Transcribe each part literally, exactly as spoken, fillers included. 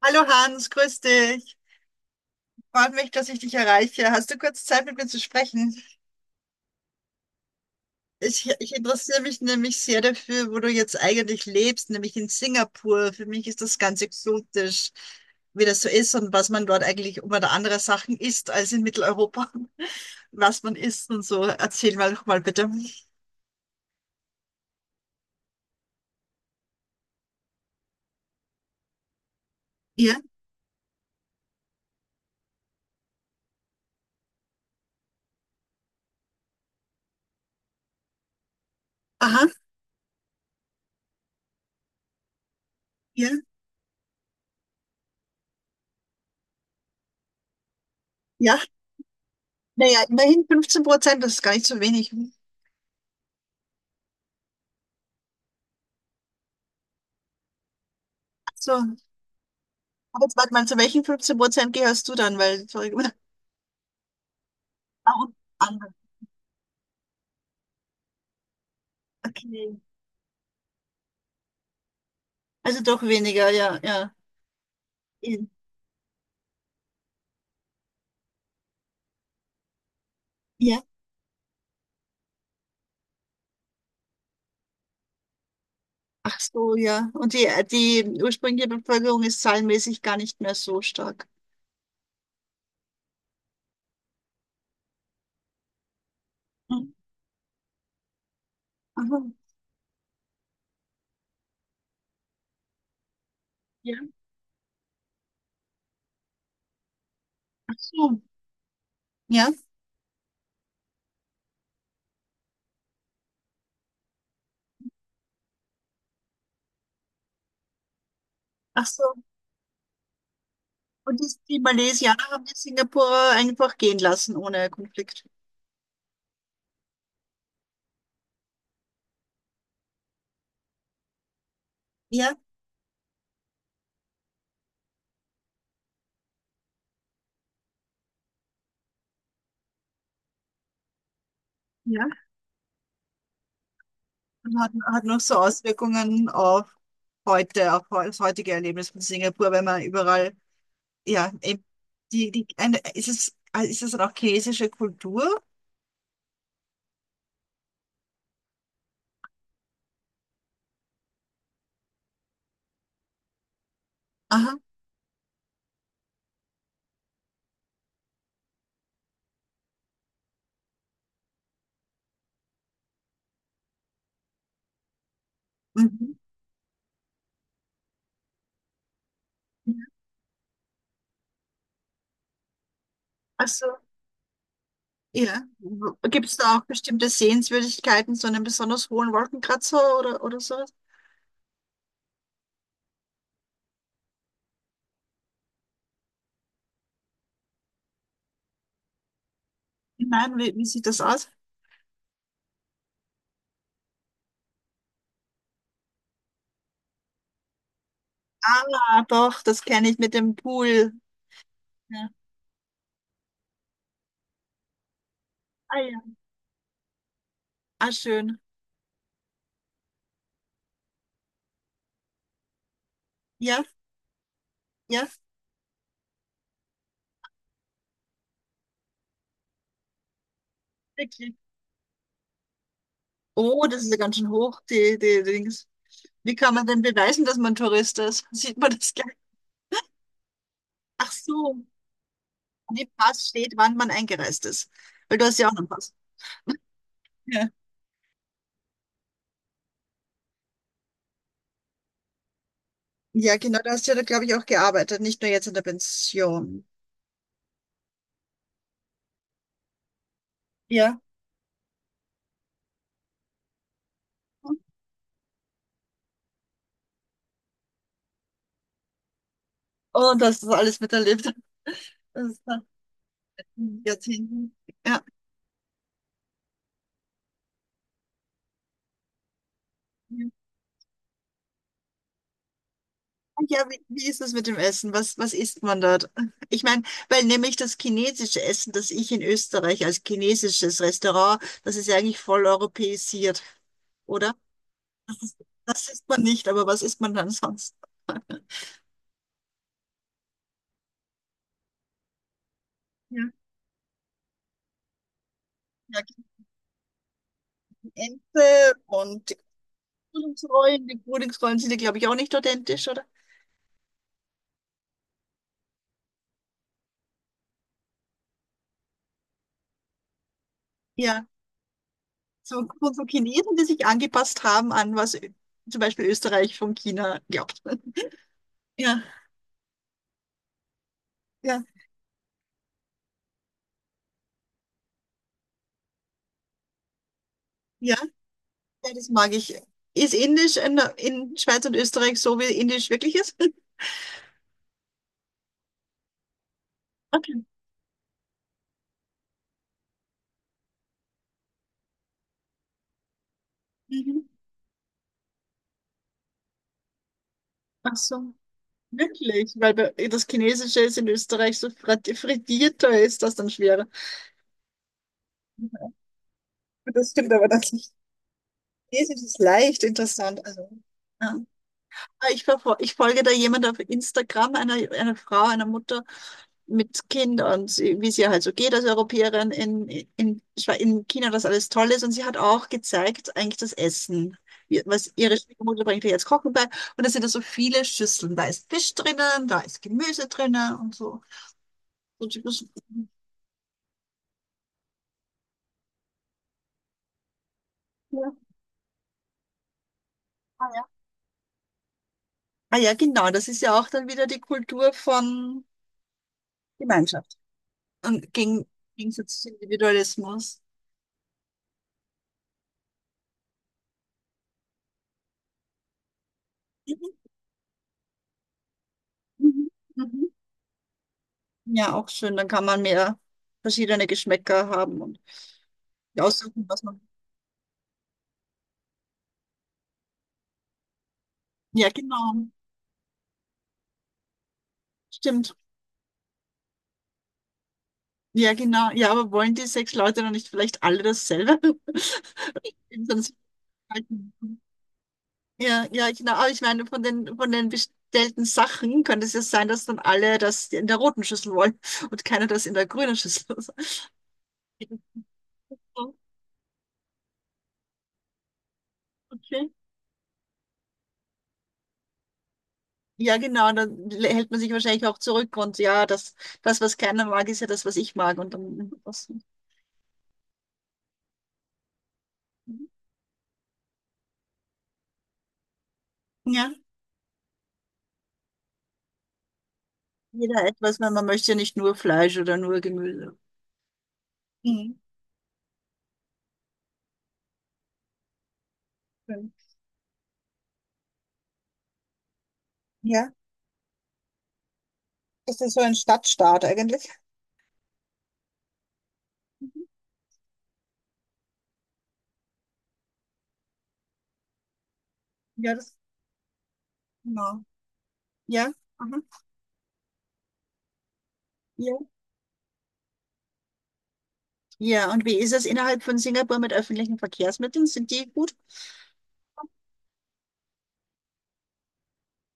Hallo Hans, grüß dich. Freut mich, dass ich dich erreiche. Hast du kurz Zeit, mit mir zu sprechen? Ich, ich interessiere mich nämlich sehr dafür, wo du jetzt eigentlich lebst, nämlich in Singapur. Für mich ist das ganz exotisch, wie das so ist und was man dort eigentlich um oder andere Sachen isst als in Mitteleuropa. Was man isst und so. Erzähl mal doch mal bitte. Ja, aha, ja, ja. Naja, immerhin fünfzehn Prozent, das ist gar nicht so wenig. So, aber jetzt warte mal, zu welchen fünfzehn Prozent gehörst du dann? Weil, sorry, ah, und andere. Okay. Also doch weniger, ja, ja. In- Ja. Ach so, ja. Und die, die ursprüngliche Bevölkerung ist zahlenmäßig gar nicht mehr so stark. Hm. Aha. Ja. Ach so. Ja. Ach so. Und die, die Malaysianer haben die Singapurer einfach gehen lassen ohne Konflikt. Ja. Ja. Und hat, hat noch so Auswirkungen auf heute, auf heu- das heutige Erlebnis von Singapur, wenn man überall, ja, eben die, die, eine, ist es, ist es dann auch chinesische Kultur? Aha. Mhm. Also, ja. Gibt es da auch bestimmte Sehenswürdigkeiten, so einen besonders hohen Wolkenkratzer oder, oder sowas? Nein, wie, wie sieht das aus? Ah, doch, das kenne ich mit dem Pool. Ja. Ah ja. Ah, schön. Ja, ja, wirklich. Oh, das ist ja ganz schön hoch, die, die Dings. Wie kann man denn beweisen, dass man Tourist ist? Sieht man das gleich? Ach so, an dem Pass steht, wann man eingereist ist. Weil du hast ja auch einen Pass. Ja. Ja, genau, da hast du ja, glaube ich, auch gearbeitet, nicht nur jetzt in der Pension. Ja. Und dass du das alles miterlebt hast. Das ist dann Jahrzehnten. Ja. Und Ja, wie, wie ist es mit dem Essen? Was, was isst man dort? Ich meine, weil nämlich das chinesische Essen, das ich in Österreich als chinesisches Restaurant, das ist ja eigentlich voll europäisiert, oder? Das ist, das isst man nicht, aber was isst man dann sonst? Ja, ja, Ente und die Frühlingsrollen. Die Frühlingsrollen sind ja, glaube ich, auch nicht authentisch, oder? Ja, so, so Chinesen, die sich angepasst haben an was Ö- zum Beispiel Österreich von China glaubt. Ja, ja, ja, ja, das mag ich. Ist Indisch in, in Schweiz und Österreich so, wie Indisch wirklich ist? Okay. Mhm. Ach so, wirklich? Weil bei- das Chinesische ist in Österreich so frat- frittierter, ist das dann schwerer. Das stimmt aber das nicht. Chinesisch ist leicht, interessant. Also, ja. Ah, Ich, verfol- ich folge da jemand auf Instagram, einer, einer Frau, einer Mutter mit Kindern, sie- wie es ihr halt so geht als Europäerin in, in, Schwe- in China, dass alles toll ist. Und sie hat auch gezeigt, eigentlich das Essen, wie- was ihre Schwiegermutter bringt ihr jetzt Kochen bei. Und da sind da so viele Schüsseln. Da ist Fisch drinnen, da ist Gemüse drinnen und so. Und ich muss- ja. Ah ja, ah ja, genau. Das ist ja auch dann wieder die Kultur von Gemeinschaft und gegen Gegensatz zu Individualismus. Mhm. Mhm. Mhm. Ja, auch schön. Dann kann man mehr verschiedene Geschmäcker haben und aussuchen, was man. Ja, genau. Stimmt. Ja, genau. Ja, aber wollen die sechs Leute dann nicht vielleicht alle dasselbe? sonst- Ja, ja, genau. Aber ich meine, von den, von den bestellten Sachen könnte es ja sein, dass dann alle das in der roten Schüssel wollen und keiner das in der grünen Schüssel. Oh, okay. Ja, genau. Dann hält man sich wahrscheinlich auch zurück und ja, das, das, was keiner mag, ist ja das, was ich mag. Und dann, das, ja, jeder etwas, weil man möchte ja nicht nur Fleisch oder nur Gemüse. Mhm. Ja. Das ist so ein Stadtstaat eigentlich. Mhm. Ja, das, genau. Ja, aha. Ja. Ja, und wie ist es innerhalb von Singapur mit öffentlichen Verkehrsmitteln? Sind die gut?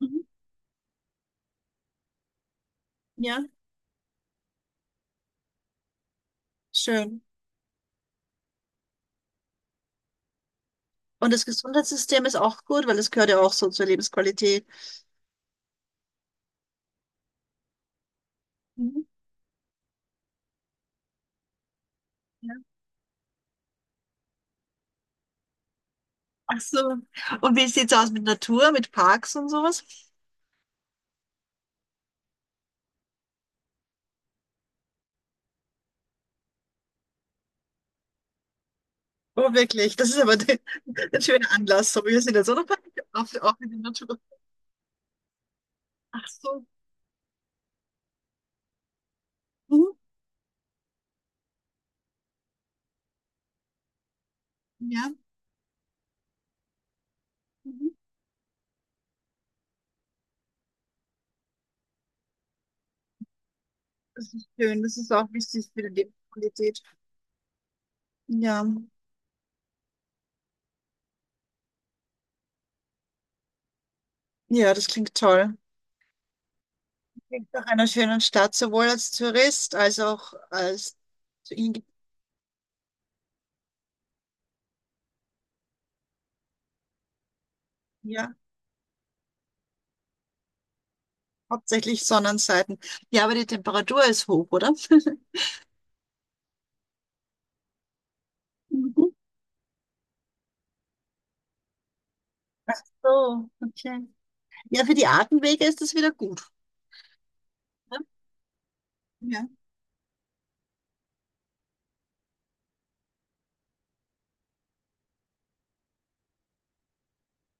Mhm. Ja, schön. Und das Gesundheitssystem ist auch gut, weil es gehört ja auch so zur Lebensqualität. Mhm. Ja. Ach so. Und wie sieht's aus mit Natur, mit Parks und sowas? Oh, wirklich. Das ist aber de- ein schöner Anlass. So, wir sind jetzt, oder? Auf, auch in der Natur. Ach so. Mhm. Ja, mhm, das ist schön. Das ist auch wichtig für die Lebensqualität. Ja, ja, das klingt toll. Klingt nach einer schönen Stadt, sowohl als Tourist als auch als Inge- ja, hauptsächlich Sonnenseiten. Ja, aber die Temperatur ist hoch, oder? Mhm. Ach so, okay. Ja, für die Atemwege ist das wieder gut. Ne? Ja.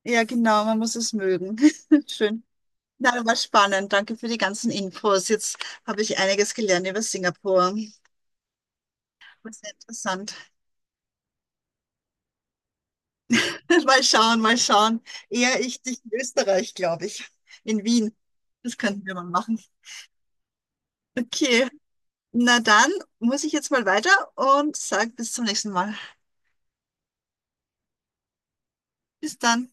Ja, genau, man muss es mögen. Schön. Na, das war spannend. Danke für die ganzen Infos. Jetzt habe ich einiges gelernt über Singapur. War sehr interessant. Mal schauen, mal schauen. Eher ich dich in Österreich, glaube ich. In Wien. Das könnten wir mal machen. Okay. Na dann muss ich jetzt mal weiter und sage bis zum nächsten Mal. Bis dann.